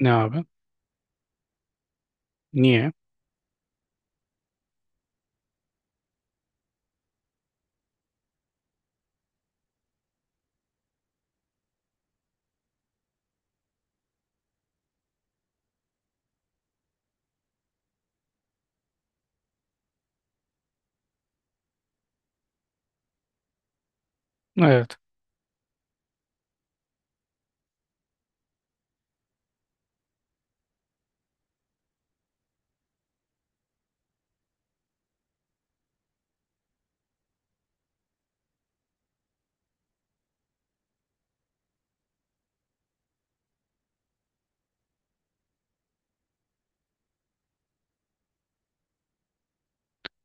Ne abi? Niye? Evet.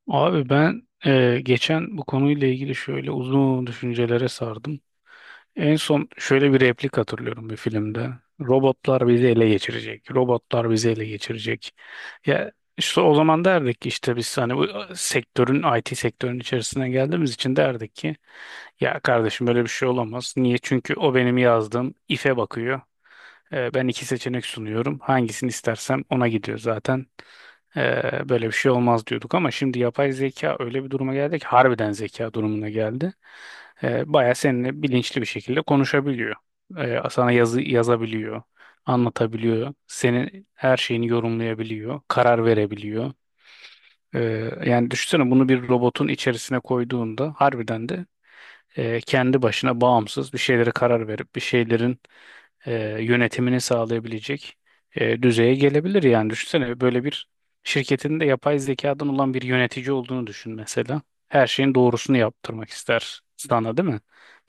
Abi ben geçen bu konuyla ilgili şöyle uzun düşüncelere sardım. En son şöyle bir replik hatırlıyorum bir filmde. Robotlar bizi ele geçirecek. Robotlar bizi ele geçirecek. Ya işte o zaman derdik ki işte biz hani bu sektörün IT sektörün içerisine geldiğimiz için derdik ki ya kardeşim böyle bir şey olamaz. Niye? Çünkü o benim yazdığım ife bakıyor. Ben iki seçenek sunuyorum. Hangisini istersem ona gidiyor zaten. Böyle bir şey olmaz diyorduk ama şimdi yapay zeka öyle bir duruma geldi ki harbiden zeka durumuna geldi. Baya seninle bilinçli bir şekilde konuşabiliyor. Sana yazı yazabiliyor, anlatabiliyor, senin her şeyini yorumlayabiliyor, karar verebiliyor. Ee, yani düşünsene bunu bir robotun içerisine koyduğunda harbiden de kendi başına bağımsız bir şeylere karar verip bir şeylerin e, yönetimini sağlayabilecek düzeye gelebilir yani. Düşünsene böyle bir şirketin de yapay zekadan olan bir yönetici olduğunu düşün mesela. Her şeyin doğrusunu yaptırmak ister sana, değil mi?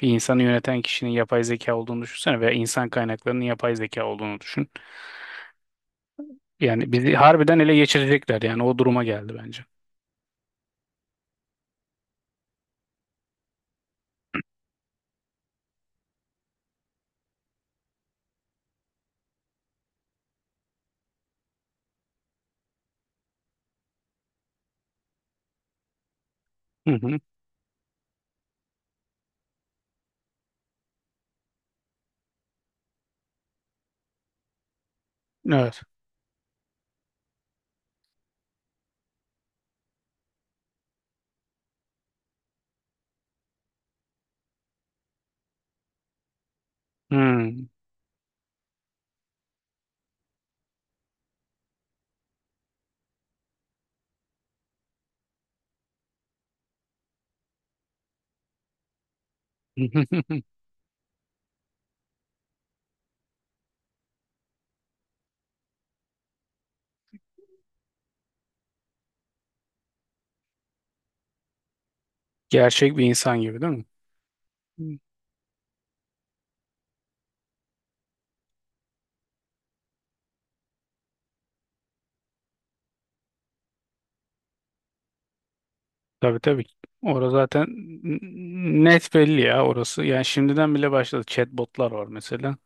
Bir insanı yöneten kişinin yapay zeka olduğunu düşünsene veya insan kaynaklarının yapay zeka olduğunu düşün. Yani bizi harbiden ele geçirecekler, yani o duruma geldi bence. Hı hı. Evet. Hmm. Gerçek bir insan gibi, değil mi? Tabii, tabii. Orası zaten net belli ya orası. Yani şimdiden bile başladı. Chatbotlar var mesela.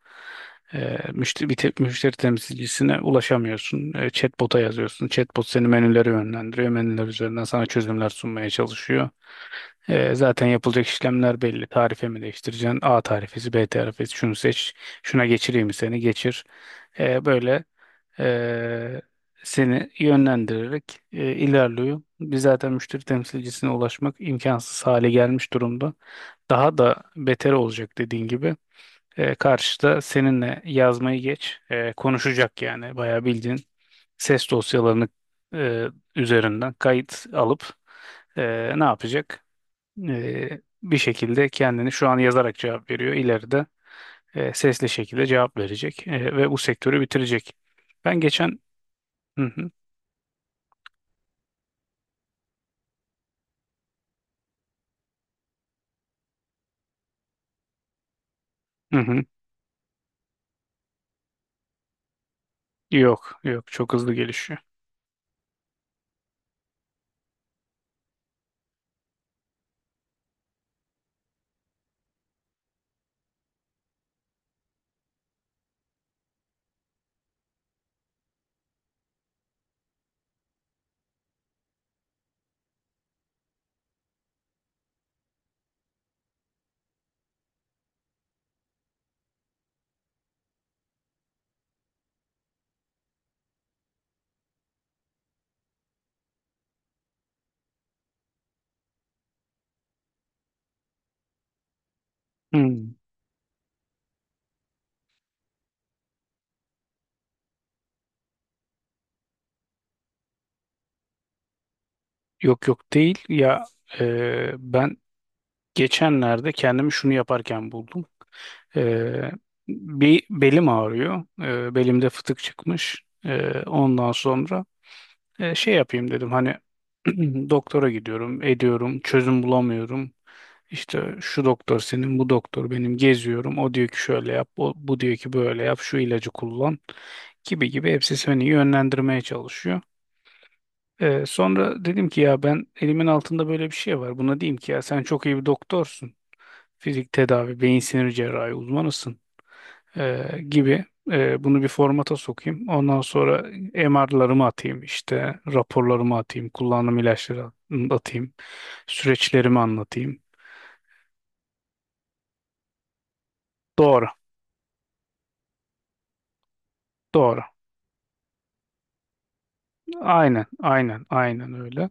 Müşteri temsilcisine ulaşamıyorsun. Chatbot'a yazıyorsun. Chatbot seni menülere yönlendiriyor. Menüler üzerinden sana çözümler sunmaya çalışıyor. Zaten yapılacak işlemler belli. Tarife mi değiştireceksin? A tarifesi, B tarifesi. Şunu seç. Şuna geçireyim mi seni? Geçir. Böyle ee, seni yönlendirerek ilerliyor. Biz zaten müşteri temsilcisine ulaşmak imkansız hale gelmiş durumda. Daha da beter olacak dediğin gibi. Karşıda seninle yazmayı geç, konuşacak yani bayağı bildiğin ses dosyalarını e, üzerinden kayıt alıp e, ne yapacak? Bir şekilde kendini şu an yazarak cevap veriyor. İleride sesli şekilde cevap verecek ve bu sektörü bitirecek. Ben geçen... Hı hı. Hı hı. Yok, yok, çok hızlı gelişiyor. Hmm. Yok, yok, değil ya, ben geçenlerde kendimi şunu yaparken buldum. E, bir belim ağrıyor. Belimde fıtık çıkmış. Ondan sonra şey yapayım dedim hani, doktora gidiyorum ediyorum, çözüm bulamıyorum. İşte şu doktor senin, bu doktor benim geziyorum. O diyor ki şöyle yap, bu diyor ki böyle yap, şu ilacı kullan gibi gibi, hepsi seni yönlendirmeye çalışıyor. Sonra dedim ki ya, ben, elimin altında böyle bir şey var. Buna diyeyim ki ya sen çok iyi bir doktorsun. Fizik tedavi, beyin sinir cerrahi uzmanısın gibi. Bunu bir formata sokayım. Ondan sonra MR'larımı atayım, işte raporlarımı atayım, kullandığım ilaçları atayım, süreçlerimi anlatayım. Doğru, doğru. Aynen, aynen, aynen öyle.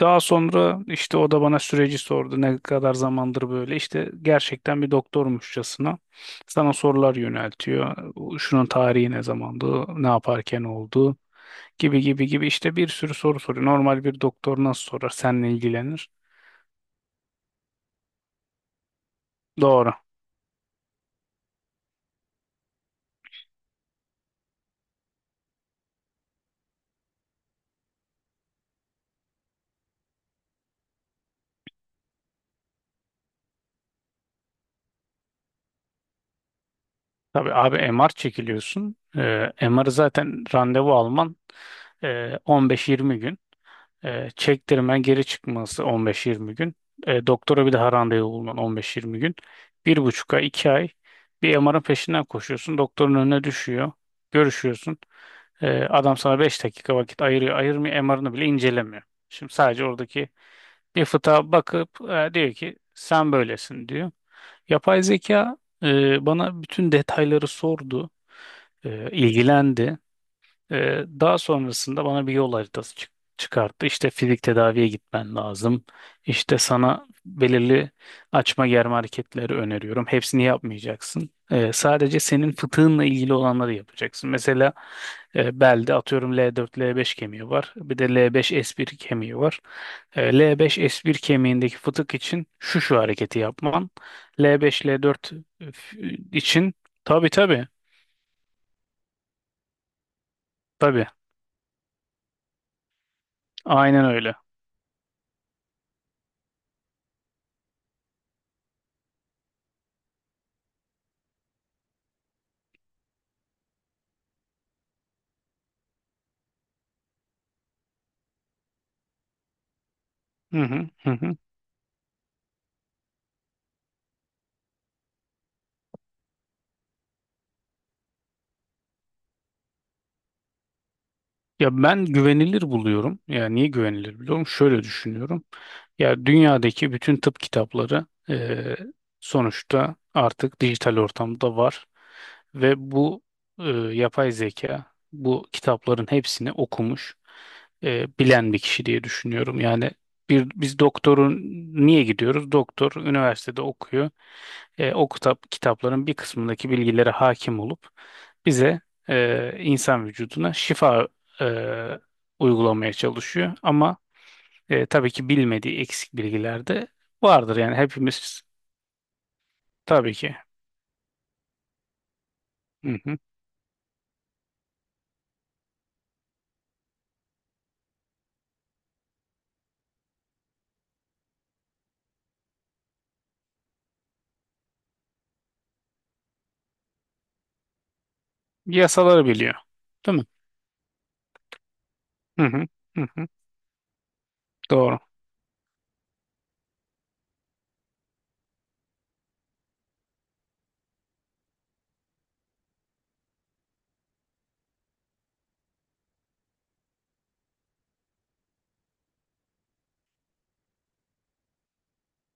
Daha sonra işte o da bana süreci sordu. Ne kadar zamandır böyle? İşte gerçekten bir doktormuşçasına sana sorular yöneltiyor. Şunun tarihi ne zamandı, ne yaparken oldu gibi gibi gibi işte, bir sürü soru soruyor. Normal bir doktor nasıl sorar, seninle ilgilenir. Doğru. Tabii abi, MR çekiliyorsun. MR'ı zaten randevu alman e, 15-20 gün. Çektirmen geri, çıkması 15-20 gün. Doktora bir daha randevu bulman 15-20 gün. 1,5 ay, 2 ay bir MR'ın peşinden koşuyorsun. Doktorun önüne düşüyor. Görüşüyorsun. Adam sana 5 dakika vakit ayırıyor. Ayırmıyor. MR'ını bile incelemiyor. Şimdi sadece oradaki bir fıtığa bakıp diyor ki sen böylesin diyor. Yapay zeka bana bütün detayları sordu. E, ilgilendi. Daha sonrasında bana bir yol haritası çıkarttı. İşte fizik tedaviye gitmen lazım. İşte sana belirli açma germe hareketleri öneriyorum. Hepsini yapmayacaksın. Sadece senin fıtığınla ilgili olanları yapacaksın. Mesela belde atıyorum L4 L5 kemiği var. Bir de L5 S1 kemiği var. L beş s bir kemiğindeki fıtık için şu şu hareketi yapman. L5 L4 için, tabii, tabii, tabii, aynen öyle. Hı hı, hı hı. Ya ben güvenilir buluyorum. Ya niye güvenilir buluyorum? Şöyle düşünüyorum. Ya dünyadaki bütün tıp kitapları sonuçta artık dijital ortamda var ve bu yapay zeka bu kitapların hepsini okumuş, bilen bir kişi diye düşünüyorum. Yani bir, biz doktorun niye gidiyoruz? Doktor üniversitede okuyor. O kitapların bir kısmındaki bilgilere hakim olup bize insan vücuduna şifa e, uygulamaya çalışıyor. Ama tabii ki bilmediği eksik bilgiler de vardır. Yani hepimiz, tabii ki. Hı hı. Yasaları biliyor. Değil mi? Hı hı. Hı hı. Doğru.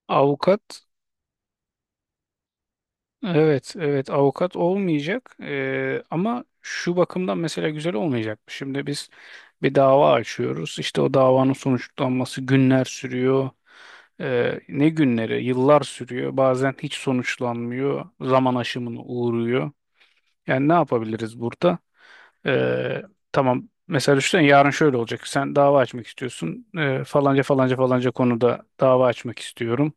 Avukat evet, evet, avukat olmayacak. Ama şu bakımdan mesela güzel olmayacak. Şimdi biz bir dava açıyoruz. İşte o davanın sonuçlanması günler sürüyor. Ne günleri? Yıllar sürüyor. Bazen hiç sonuçlanmıyor. Zaman aşımına uğruyor. Yani ne yapabiliriz burada? Ee, tamam, mesela düşünsene yarın şöyle olacak. Sen dava açmak istiyorsun. Falanca falanca falanca konuda dava açmak istiyorum,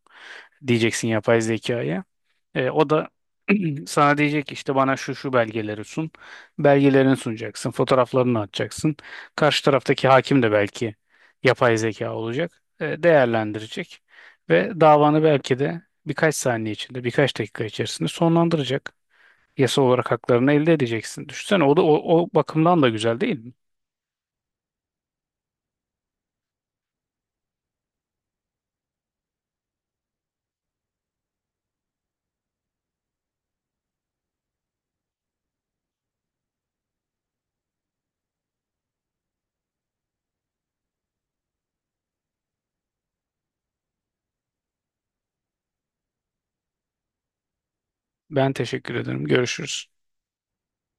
diyeceksin yapay zekaya. O da sana diyecek ki işte bana şu şu belgeleri sun. Belgelerini sunacaksın, fotoğraflarını atacaksın. Karşı taraftaki hakim de belki yapay zeka olacak. Değerlendirecek ve davanı belki de birkaç saniye içinde, birkaç dakika içerisinde sonlandıracak, yasal olarak haklarını elde edeceksin. Düşünsene, o da o bakımdan da güzel, değil mi? Ben teşekkür ederim. Görüşürüz.